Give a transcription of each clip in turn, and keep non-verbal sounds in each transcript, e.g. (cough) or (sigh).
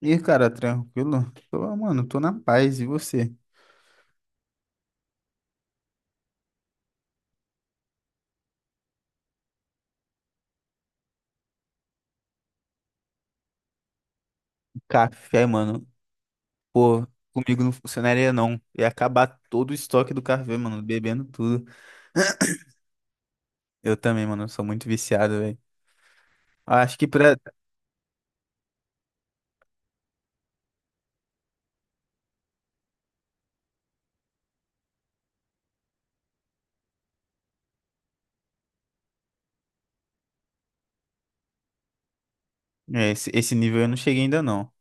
E aí, cara, tranquilo? Tô, mano, tô na paz. E você? Café, mano. Pô, comigo não funcionaria não. Ia acabar todo o estoque do café, mano, bebendo tudo. Eu também, mano, sou muito viciado, velho. Acho que pra é, esse nível eu não cheguei ainda não.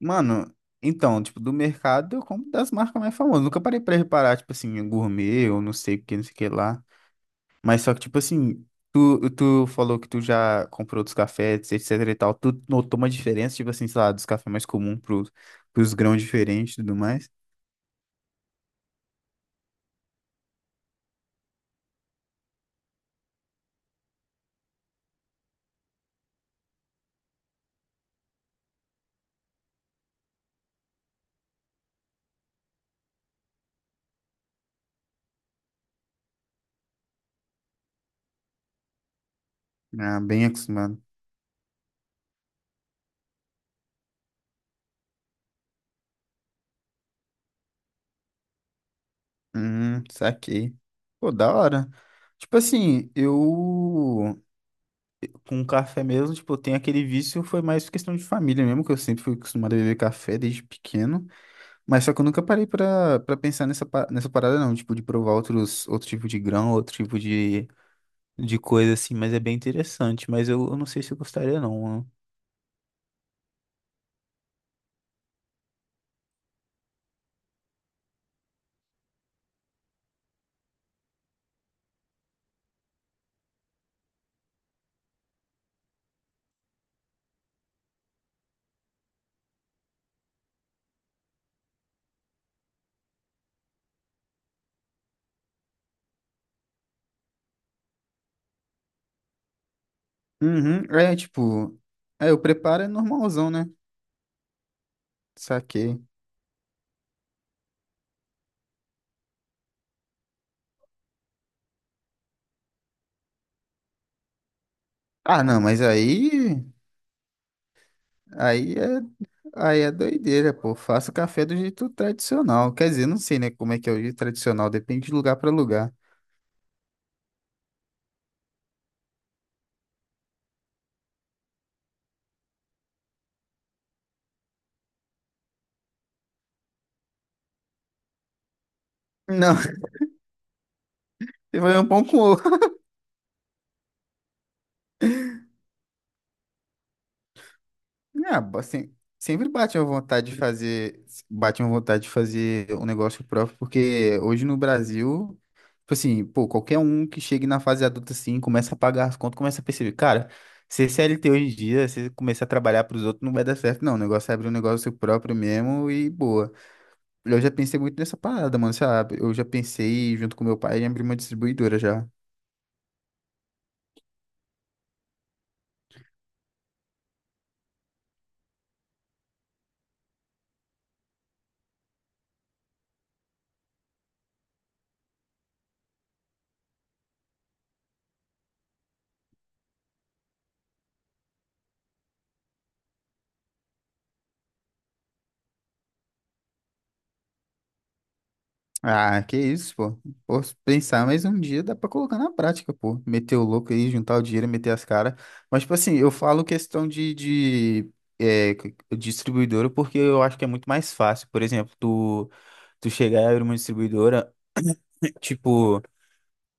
Mano, então, tipo, do mercado eu compro das marcas mais famosas. Nunca parei pra reparar, tipo assim, gourmet ou não sei o que, não sei o que lá. Mas só que, tipo assim, tu falou que tu já comprou dos cafés, etc e tal. Tu notou uma diferença, tipo assim, sei lá, dos cafés mais comuns pros grãos diferentes e tudo mais? Ah, bem acostumado. Saquei. Pô, da hora. Tipo assim, eu com café mesmo, tipo, eu tenho aquele vício, foi mais questão de família mesmo, que eu sempre fui acostumado a beber café desde pequeno. Mas só que eu nunca parei pra pensar nessa parada, não, tipo, de provar outros, outro tipo de grão, outro tipo de coisa assim, mas é bem interessante. Mas eu não sei se eu gostaria, não, né? Uhum, é tipo, o preparo é normalzão, né? Saquei. Ah, não, mas aí é, aí é doideira, pô. Faça café do jeito tradicional. Quer dizer, não sei, né, como é que é o jeito tradicional, depende de lugar pra lugar. Não, (laughs) você vai um pão com. Ah, assim, sempre bate uma vontade de fazer, um negócio próprio, porque hoje no Brasil, tipo assim, pô, qualquer um que chegue na fase adulta assim, começa a pagar as contas, começa a perceber, cara, ser CLT hoje em dia, você começar a trabalhar pros outros, não vai dar certo, não. O negócio é abrir um negócio próprio mesmo e boa. Eu já pensei muito nessa parada, mano, sabe? Eu já pensei junto com meu pai em abrir uma distribuidora já. Ah, que isso, pô. Posso pensar, mas um dia dá pra colocar na prática, pô. Meter o louco aí, juntar o dinheiro, meter as caras. Mas, tipo assim, eu falo questão de distribuidora porque eu acho que é muito mais fácil. Por exemplo, tu chegar e abrir uma distribuidora, (clears throat) tipo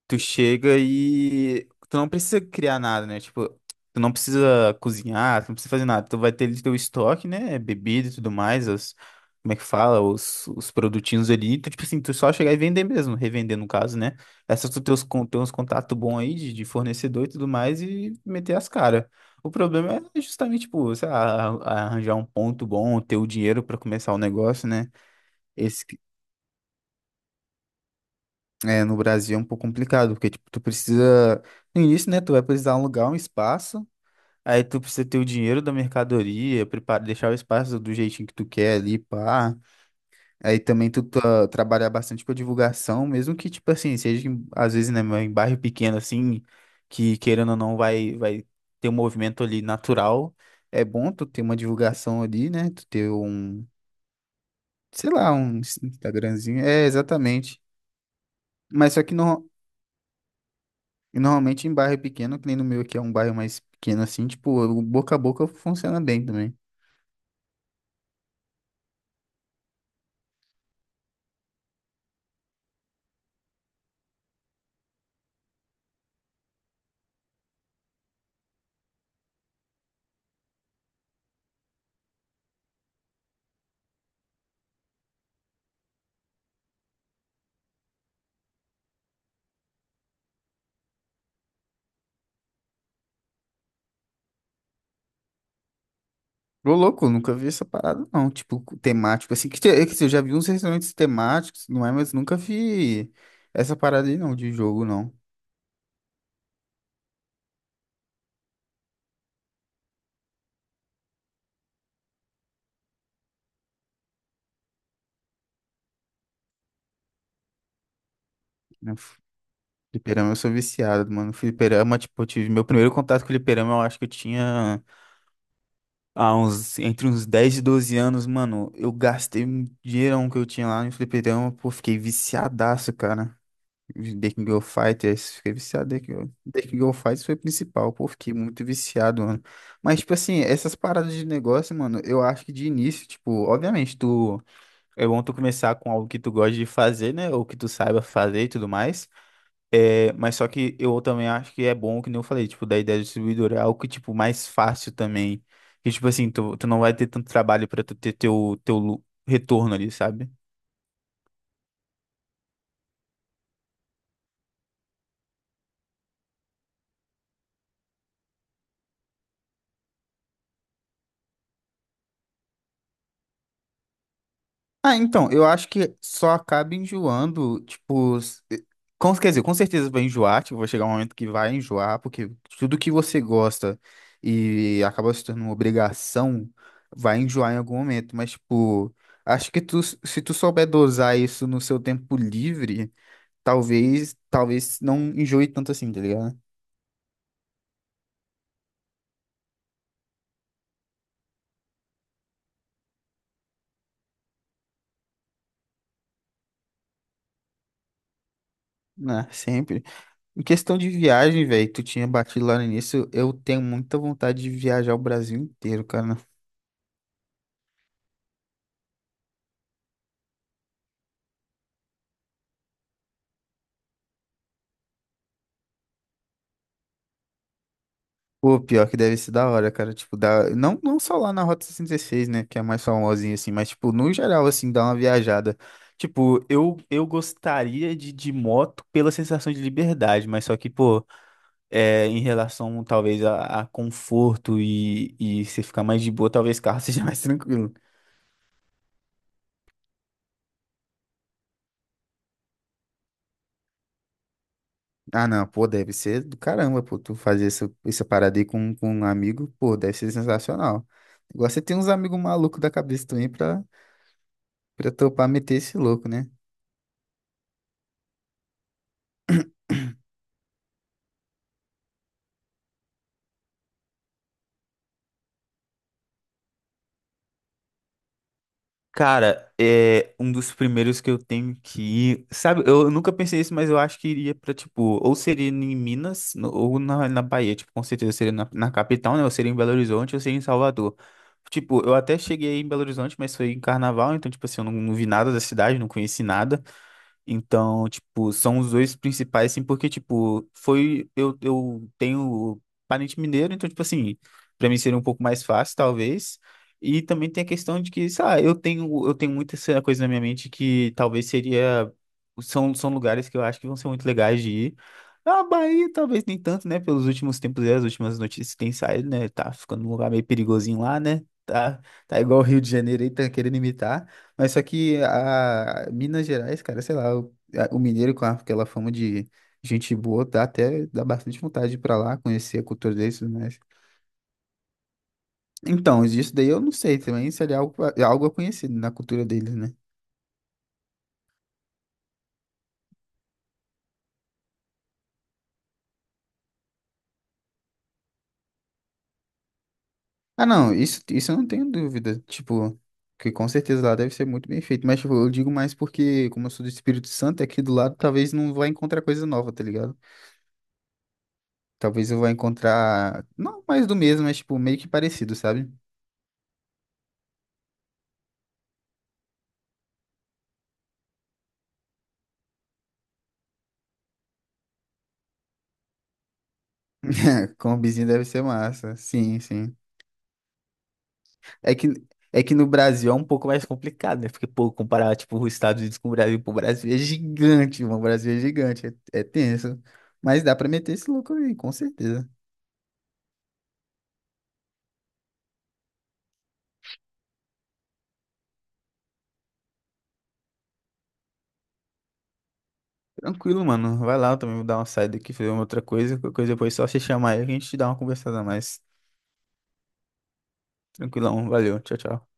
tu chega e tu não precisa criar nada, né? Tipo, tu não precisa cozinhar, tu não precisa fazer nada. Tu vai ter ali teu estoque, né? Bebida e tudo mais, como é que fala? Os produtinhos ali. Então, tipo assim, tu só chegar e vender mesmo, revender no caso, né? É só tu ter uns contatos bons aí de fornecedor e tudo mais e meter as caras. O problema é justamente, tipo, sei lá, arranjar um ponto bom, ter o dinheiro pra começar o negócio, né? É, no Brasil é um pouco complicado, porque, tipo, tu precisa... No início, né, tu vai precisar alugar um espaço, aí tu precisa ter o dinheiro da mercadoria, prepara, deixar o espaço do jeitinho que tu quer ali, pá. Aí também trabalhar bastante com a divulgação, mesmo que, tipo assim, seja, às vezes, né, em bairro pequeno, assim, que, querendo ou não, vai ter um movimento ali natural. É bom tu ter uma divulgação ali, né, tu ter um, sei lá, um Instagramzinho. É, exatamente. Mas só que não. E normalmente em bairro pequeno, que nem no meu aqui é um bairro mais pequeno assim, tipo, o boca a boca funciona bem também. Ô, louco, eu nunca vi essa parada não, tipo, temático, assim, que, é que assim, eu já vi uns restaurantes temáticos, não é, mas nunca vi essa parada aí não, de jogo não. Né. Fliperama eu sou viciado, mano, fliperama, tipo, eu tive meu primeiro contato com fliperama, eu acho que eu tinha há uns, entre uns 10 e 12 anos, mano, eu gastei um dinheirão que eu tinha lá no fliperama, pô, fiquei viciadaço, cara. The King of Fighters, fiquei viciado. The King of Fighters foi o principal, pô, fiquei muito viciado, mano. Mas, tipo assim, essas paradas de negócio, mano, eu acho que de início, tipo, obviamente, tu é bom tu começar com algo que tu gosta de fazer, né? Ou que tu saiba fazer e tudo mais. É, mas só que eu também acho que é bom, que nem eu falei, tipo, da ideia do distribuidor é algo que, tipo, mais fácil também. Que, tipo assim, tu não vai ter tanto trabalho pra tu ter teu retorno ali, sabe? Ah, então, eu acho que só acaba enjoando, tipo, com, quer dizer, com certeza vai enjoar, tipo, vai chegar um momento que vai enjoar, porque tudo que você gosta e acaba se tornando uma obrigação, vai enjoar em algum momento, mas, tipo, acho que tu, se tu souber dosar isso no seu tempo livre, talvez não enjoe tanto assim, tá ligado? Né, sempre. Em questão de viagem, velho, tu tinha batido lá no início, eu tenho muita vontade de viajar o Brasil inteiro, cara. Pô, pior que deve ser da hora, cara. Tipo, dá... não só lá na Rota 66, né? Que é a mais famosinha, assim, mas, tipo, no geral, assim, dá uma viajada. Tipo, eu gostaria de moto pela sensação de liberdade, mas só que, pô, em relação, talvez, a conforto e você ficar mais de boa, talvez carro (laughs) seja mais tranquilo. Ah, não, pô, deve ser do caramba, pô, tu fazer essa parada aí com um amigo, pô, deve ser sensacional. Igual você tem uns amigos malucos da cabeça também pra topar meter esse louco, né? Cara, é um dos primeiros que eu tenho que ir. Sabe, eu nunca pensei isso, mas eu acho que iria pra, tipo, ou seria em Minas, ou na Bahia. Tipo, com certeza seria na capital, né? Ou seria em Belo Horizonte, ou seria em Salvador. Tipo, eu até cheguei em Belo Horizonte, mas foi em carnaval, então, tipo assim, eu não vi nada da cidade, não conheci nada. Então, tipo, são os dois principais, assim, porque, tipo, foi. Eu tenho parente mineiro, então, tipo, assim, pra mim seria um pouco mais fácil, talvez. E também tem a questão de que, sei lá, eu tenho muita essa coisa na minha mente que talvez seria. São lugares que eu acho que vão ser muito legais de ir. A Bahia, talvez nem tanto, né? Pelos últimos tempos e as últimas notícias que tem saído, né? Tá ficando um lugar meio perigosinho lá, né? Tá, tá igual o Rio de Janeiro aí, tá querendo imitar. Mas só que a Minas Gerais, cara, sei lá, o mineiro com aquela fama de gente boa, dá bastante vontade de ir pra lá, conhecer a cultura deles, e tudo mais. Então, isso daí eu não sei também, seria algo, algo conhecido na cultura deles, né? Ah, não, isso eu não tenho dúvida, tipo, que com certeza lá deve ser muito bem feito, mas tipo, eu digo mais porque, como eu sou do Espírito Santo, aqui do lado talvez não vá encontrar coisa nova, tá ligado? Talvez eu vá encontrar, não mais do mesmo, mas tipo, meio que parecido, sabe? (laughs) Combizinho deve ser massa. Sim, sim. É que, é que no Brasil é um pouco mais complicado, né? Porque, pô, comparar, tipo, os Estados Unidos com o Brasil, pô, o Brasil é gigante, mano. O Brasil é gigante, é tenso. Mas dá pra meter esse louco aí, com certeza. Tranquilo, mano. Vai lá, eu também vou dar uma saída aqui, fazer uma outra coisa. Qualquer coisa depois é só você chamar aí, a gente dá uma conversada a mais. Tranquilão, valeu. Tchau, tchau.